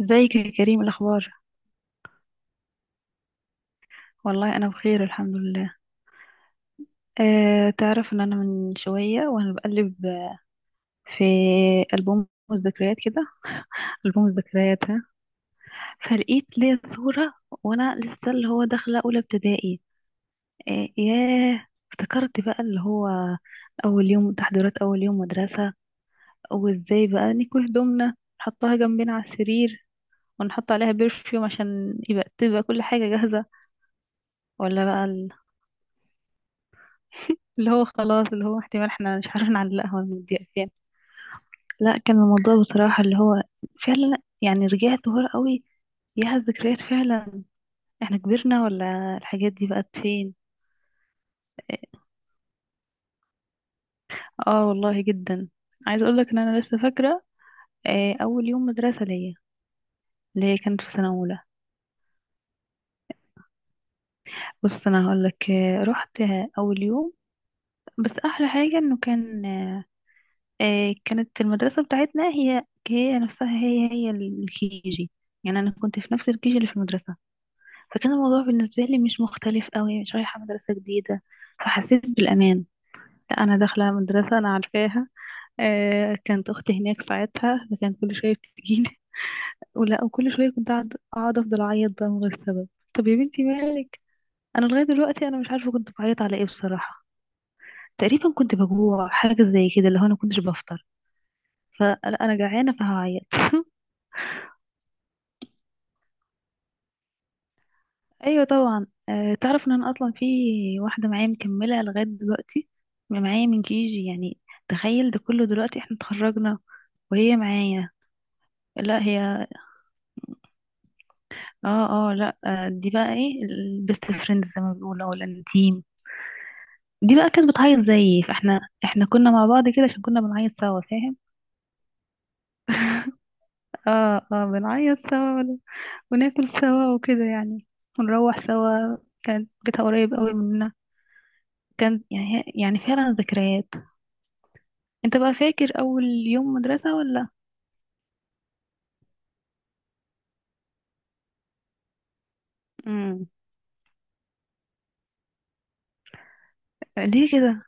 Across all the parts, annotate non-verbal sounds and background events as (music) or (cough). ازيك يا كريم الاخبار؟ والله انا بخير الحمد لله. تعرف ان انا من شويه وانا بقلب في البوم الذكريات كده، البوم الذكريات ها؟ فلقيت ليا صوره وانا لسه اللي هو داخله اولى ابتدائي. ياه، افتكرت بقى اللي هو اول يوم تحضيرات، اول يوم مدرسه، وازاي بقى نكوي هدومنا، نحطها جنبنا على السرير، ونحط عليها برفيوم عشان يبقى تبقى كل حاجه جاهزه، ولا بقى اللي هو خلاص اللي هو احتمال احنا مش عارفين نعلقها ولا نديها فين. لا، كان الموضوع بصراحة اللي هو فعلا يعني رجعت ورا قوي، يا الذكريات فعلا. احنا كبرنا ولا الحاجات دي بقت فين؟ اه. آه، والله جدا. عايز اقول لك ان انا لسه فاكرة آه، اول يوم مدرسة ليا، اللي هي كانت في سنة اولى. بص انا هقول لك، رحت اول يوم، بس احلى حاجة انه كان كانت المدرسة بتاعتنا هي نفسها هي الكيجي. يعني أنا كنت في نفس الكيجي اللي في المدرسة، فكان الموضوع بالنسبة لي مش مختلف قوي، مش رايحة مدرسة جديدة، فحسيت بالأمان. لا، أنا داخلة مدرسة أنا عارفاها. آه، كانت أختي هناك ساعتها فكانت كل شوية بتجيلي. (laughs) ولا وكل شوية كنت أقعد أفضل أعيط بقى من غير سبب. طب يا بنتي مالك؟ أنا لغاية دلوقتي أنا مش عارفة كنت بعيط على إيه بصراحة. تقريبا كنت بجوع، حاجة زي كده، اللي هو أنا كنتش بفطر، فلا أنا جعانة فهعيط. (laughs) ايوه طبعا، تعرف ان انا اصلا في واحده معايا مكمله لغايه دلوقتي، معايا من كيجي يعني. تخيل ده كله، دلوقتي احنا اتخرجنا وهي معايا. لا هي اه اه لا، آه، دي بقى ايه البيست فريند زي ما بيقولوا او الانتيم. دي بقى كانت بتعيط زيي، فاحنا كنا مع بعض كده عشان كنا بنعيط سوا، فاهم؟ اه اه، بنعيط سوا، وناكل سوا وكده يعني، ونروح سوا. كانت بيتها قريب قوي مننا. كان يعني يعني فعلا ذكريات. انت بقى فاكر اول يوم مدرسة ولا؟ امم ليه كده؟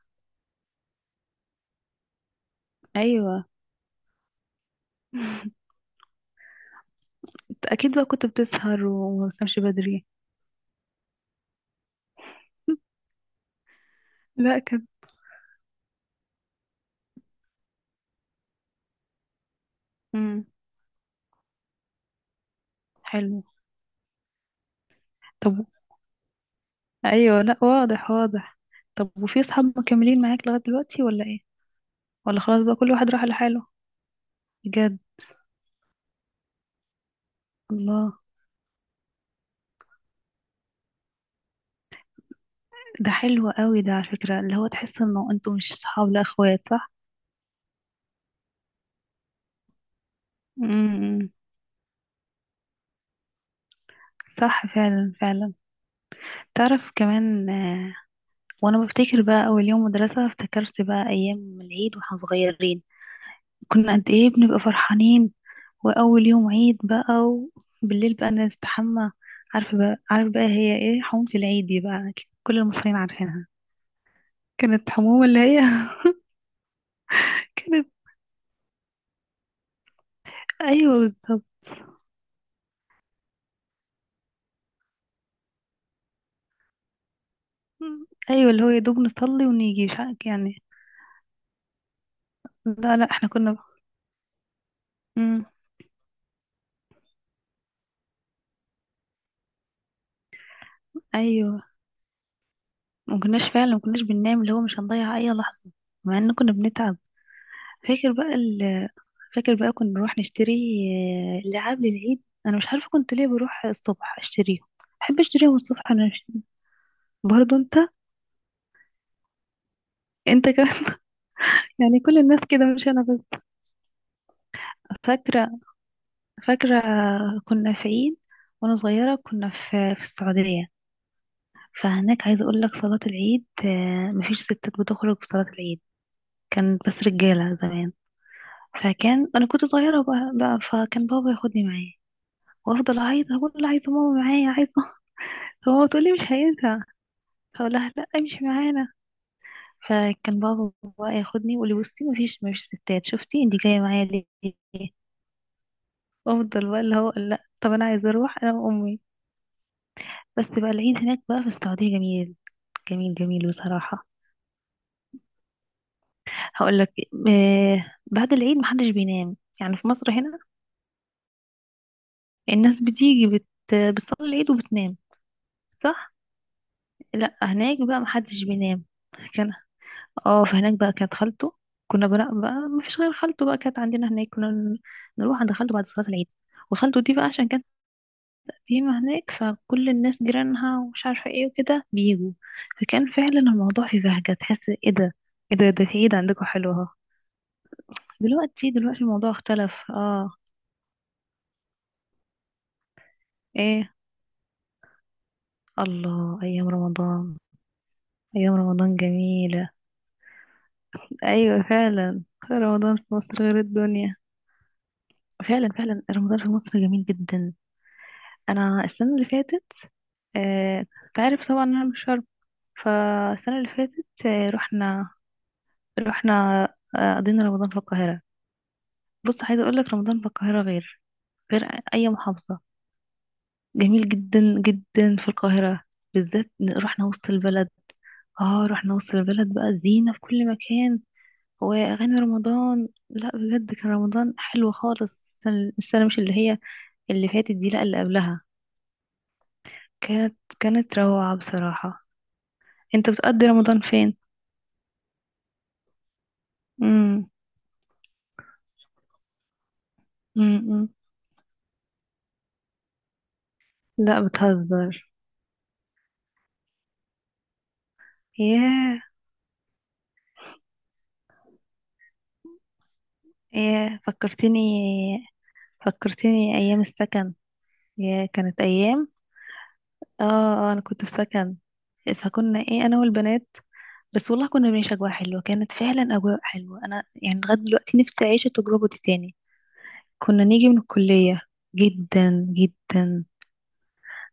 ايوه. (laughs) انت اكيد بقى كنت بتسهر وما بتنامش بدري. لا كده. امم. حلو. طب. ايوه لا واضح واضح. طب وفي اصحاب مكملين معاك لغاية دلوقتي ولا ايه؟ ولا خلاص بقى كل واحد راح لحاله؟ بجد؟ الله. ده حلو قوي ده، على فكرة اللي هو تحس انه انتوا مش صحاب، لا اخوات، صح؟ امم. صح، فعلا فعلا. تعرف كمان، وانا بفتكر بقى اول يوم مدرسة، افتكرت بقى ايام العيد واحنا صغيرين. كنا قد ايه بنبقى فرحانين، واول يوم عيد بقى وبالليل بقى نستحمى. عارفة بقى، عارف بقى هي ايه حمومة العيد دي بقى؟ كل المصريين عارفينها. كانت حمومة اللي هي (laughs) كانت، ايوه بالظبط. ايوه اللي هو يا دوب نصلي ونيجي مش عارف يعني. لا لا احنا كنا، امم. ايوه ما كناش فعلا، ما كناش بننام اللي هو مش هنضيع اي لحظة، مع ان كنا بنتعب. فاكر بقى، فاكر بقى كنا نروح نشتري آه، لعاب للعيد. انا مش عارفه كنت ليه بروح الصبح اشتريهم، بحب اشتريهم الصبح انا مش... (laughs) برضه انت، انت كمان؟ (laughs) يعني كل الناس كده مش انا بس. فاكره، فاكره، كنا في عيد وانا صغيره، كنا في في السعوديه. فهناك عايزه اقول لك صلاه العيد آه، مفيش ستات بتخرج في صلاه العيد، كان بس رجاله زمان. فكان انا كنت صغيره بقى, بقى، فكان بابا ياخدني معاه، وافضل اعيط اقول له عايزه ماما معايا، عايزه. هو تقول لي مش هينفع، اقول لها لا امشي معانا. فكان بابا بقى ياخدني يقول لي بصي مفيش، مفيش ستات، شفتي انت جايه معايا ليه؟ افضل بقى اللي هو لا طب انا عايزه اروح انا وامي. بس بقى العيد هناك بقى في السعوديه جميل، جميل جميل بصراحه. هقول لك، آه، بعد العيد محدش بينام. يعني في مصر هنا الناس بتيجي بت بتصلي العيد وبتنام، صح؟ لا هناك بقى محدش بينام. كان اه، فهناك بقى كانت خالته. كنا بقى, بقى ما فيش غير خالته بقى كانت عندنا هناك، نروح عند خالته بعد صلاة العيد. وخالته دي بقى عشان كانت قديمة هناك، فكل الناس جيرانها ومش عارفة ايه وكده بيجوا. فكان فعلا الموضوع في بهجة، تحس ايه ده، ايه ده، ده في عيد عندكم حلوة اهو. دلوقتي دلوقتي الموضوع اختلف، اه. ايه؟ الله، ايام رمضان. ايام رمضان جميلة. ايوه فعلا، رمضان في مصر غير الدنيا. فعلا فعلا، رمضان في مصر جميل جدا. انا السنة اللي فاتت آه، تعرف طبعا انا مش شرم، فالسنه اللي فاتت آه، رحنا، رحنا آه، قضينا رمضان في القاهره. بص عايزه اقول لك رمضان في القاهره غير، غير اي محافظه. جميل جدا جدا في القاهره، بالذات إن رحنا وسط البلد. اه، رحنا وسط البلد بقى، زينه في كل مكان، واغاني رمضان، لا بجد كان رمضان حلو خالص. السنه، السنة مش اللي هي اللي فاتت دي، لا اللي قبلها، كانت، كانت روعه بصراحه. انت بتقضي رمضان فين؟ م-م. لا بتهزر. ياه، ياه فكرتني، فكرتني ايام السكن. ياه كانت ايام. اه، آه، انا كنت في سكن، فكنا ايه انا والبنات بس. والله كنا بنعيش اجواء حلوه، كانت فعلا اجواء حلوه. انا يعني لغايه دلوقتي نفسي اعيش التجربه دي تاني. كنا نيجي من الكليه. جدا جدا.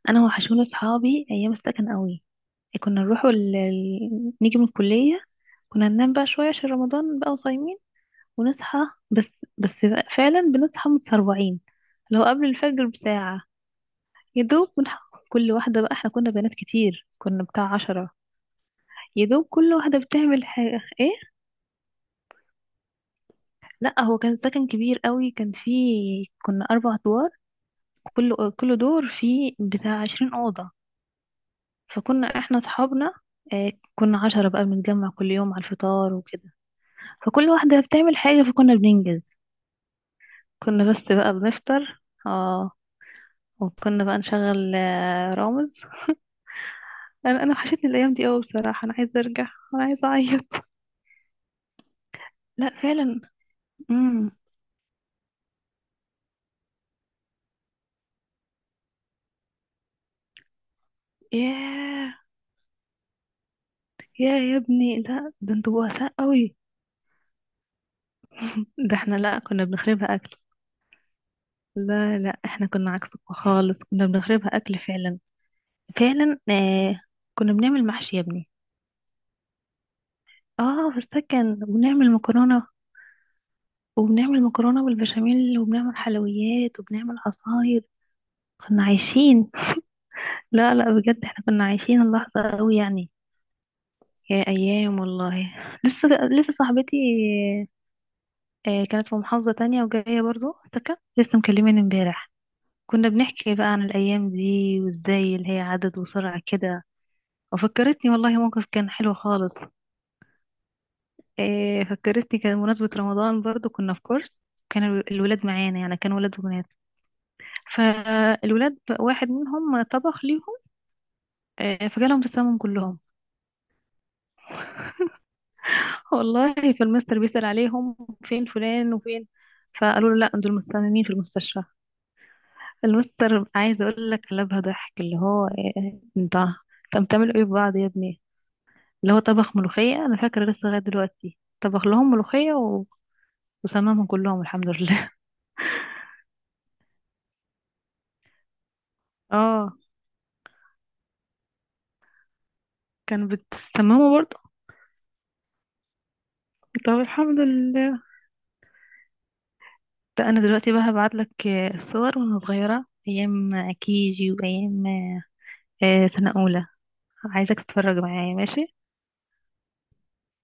انا وحشوني اصحابي ايام السكن قوي. كنا نروح نيجي من الكليه، كنا ننام بقى شويه عشان رمضان بقى وصايمين، ونصحى. بس، بس، فعلا بنصحى متسرعين، لو قبل الفجر بساعة، يا دوب بنحقق كل واحدة بقى، احنا كنا بنات كتير، كنا بتاع عشرة. يا دوب كل واحدة بتعمل حاجة ايه. لا هو كان سكن كبير قوي، كان فيه كنا أربع أدوار، كل دور فيه بتاع عشرين أوضة. فكنا احنا أصحابنا آه، كنا عشرة بقى، بنتجمع كل يوم على الفطار وكده، فكل واحدة بتعمل حاجة فكنا بننجز. كنا بس بقى بنفطر، اه. وكنا بقى نشغل آه، رامز. انا وحشتني الايام دي قوي بصراحه. انا عايزه ارجع، انا عايزه اعيط. (laughs) لا فعلا. امم. ياه، يا يا ابني، لا ده انتوا بؤساء قوي. (laughs) ده احنا لا كنا بنخربها اكل. لا لا احنا كنا عكسك خالص، كنا بنخربها اكل فعلا، فعلا آه. كنا بنعمل محشي يا ابني. اه في السكن، وبنعمل مكرونه، وبنعمل مكرونه بالبشاميل، وبنعمل حلويات، وبنعمل عصاير. كنا عايشين، لا لا بجد احنا كنا عايشين اللحظه قوي يعني. يا ايام والله. لسه صاحبتي آه، كانت في محافظة تانية وجاية برضو سكن، لسه مكلماني امبارح، كنا بنحكي بقى عن الايام دي وازاي اللي هي عدد وسرعة كده. وفكرتني والله موقف كان حلو خالص. آه، فكرتني كان مناسبة رمضان برضو، كنا في كورس، كان الولاد معانا، يعني كان ولاد وبنات. فالولاد بقى واحد منهم طبخ ليهم آه، فجالهم تسمم كلهم. والله فالمستر بيسأل عليهم، فين فلان وفين، فقالوا له لا دول مصممين في المستشفى. المستر عايز اقول لك قلبها ضحك، اللي هو إيه، انت، طب بتعملوا ايه ببعض يا ابني. اللي هو طبخ ملوخية، انا فاكرة لسه لغاية دلوقتي، طبخ لهم ملوخية و... وسممهم كلهم الحمد لله. (laughs) اه، كان بتسممه برضه؟ طب الحمد لله. ده انا دلوقتي بقى هبعت لك صور وانا صغيرة ايام كيجي، وايام آه، سنة اولى. عايزك تتفرج معايا، ماشي؟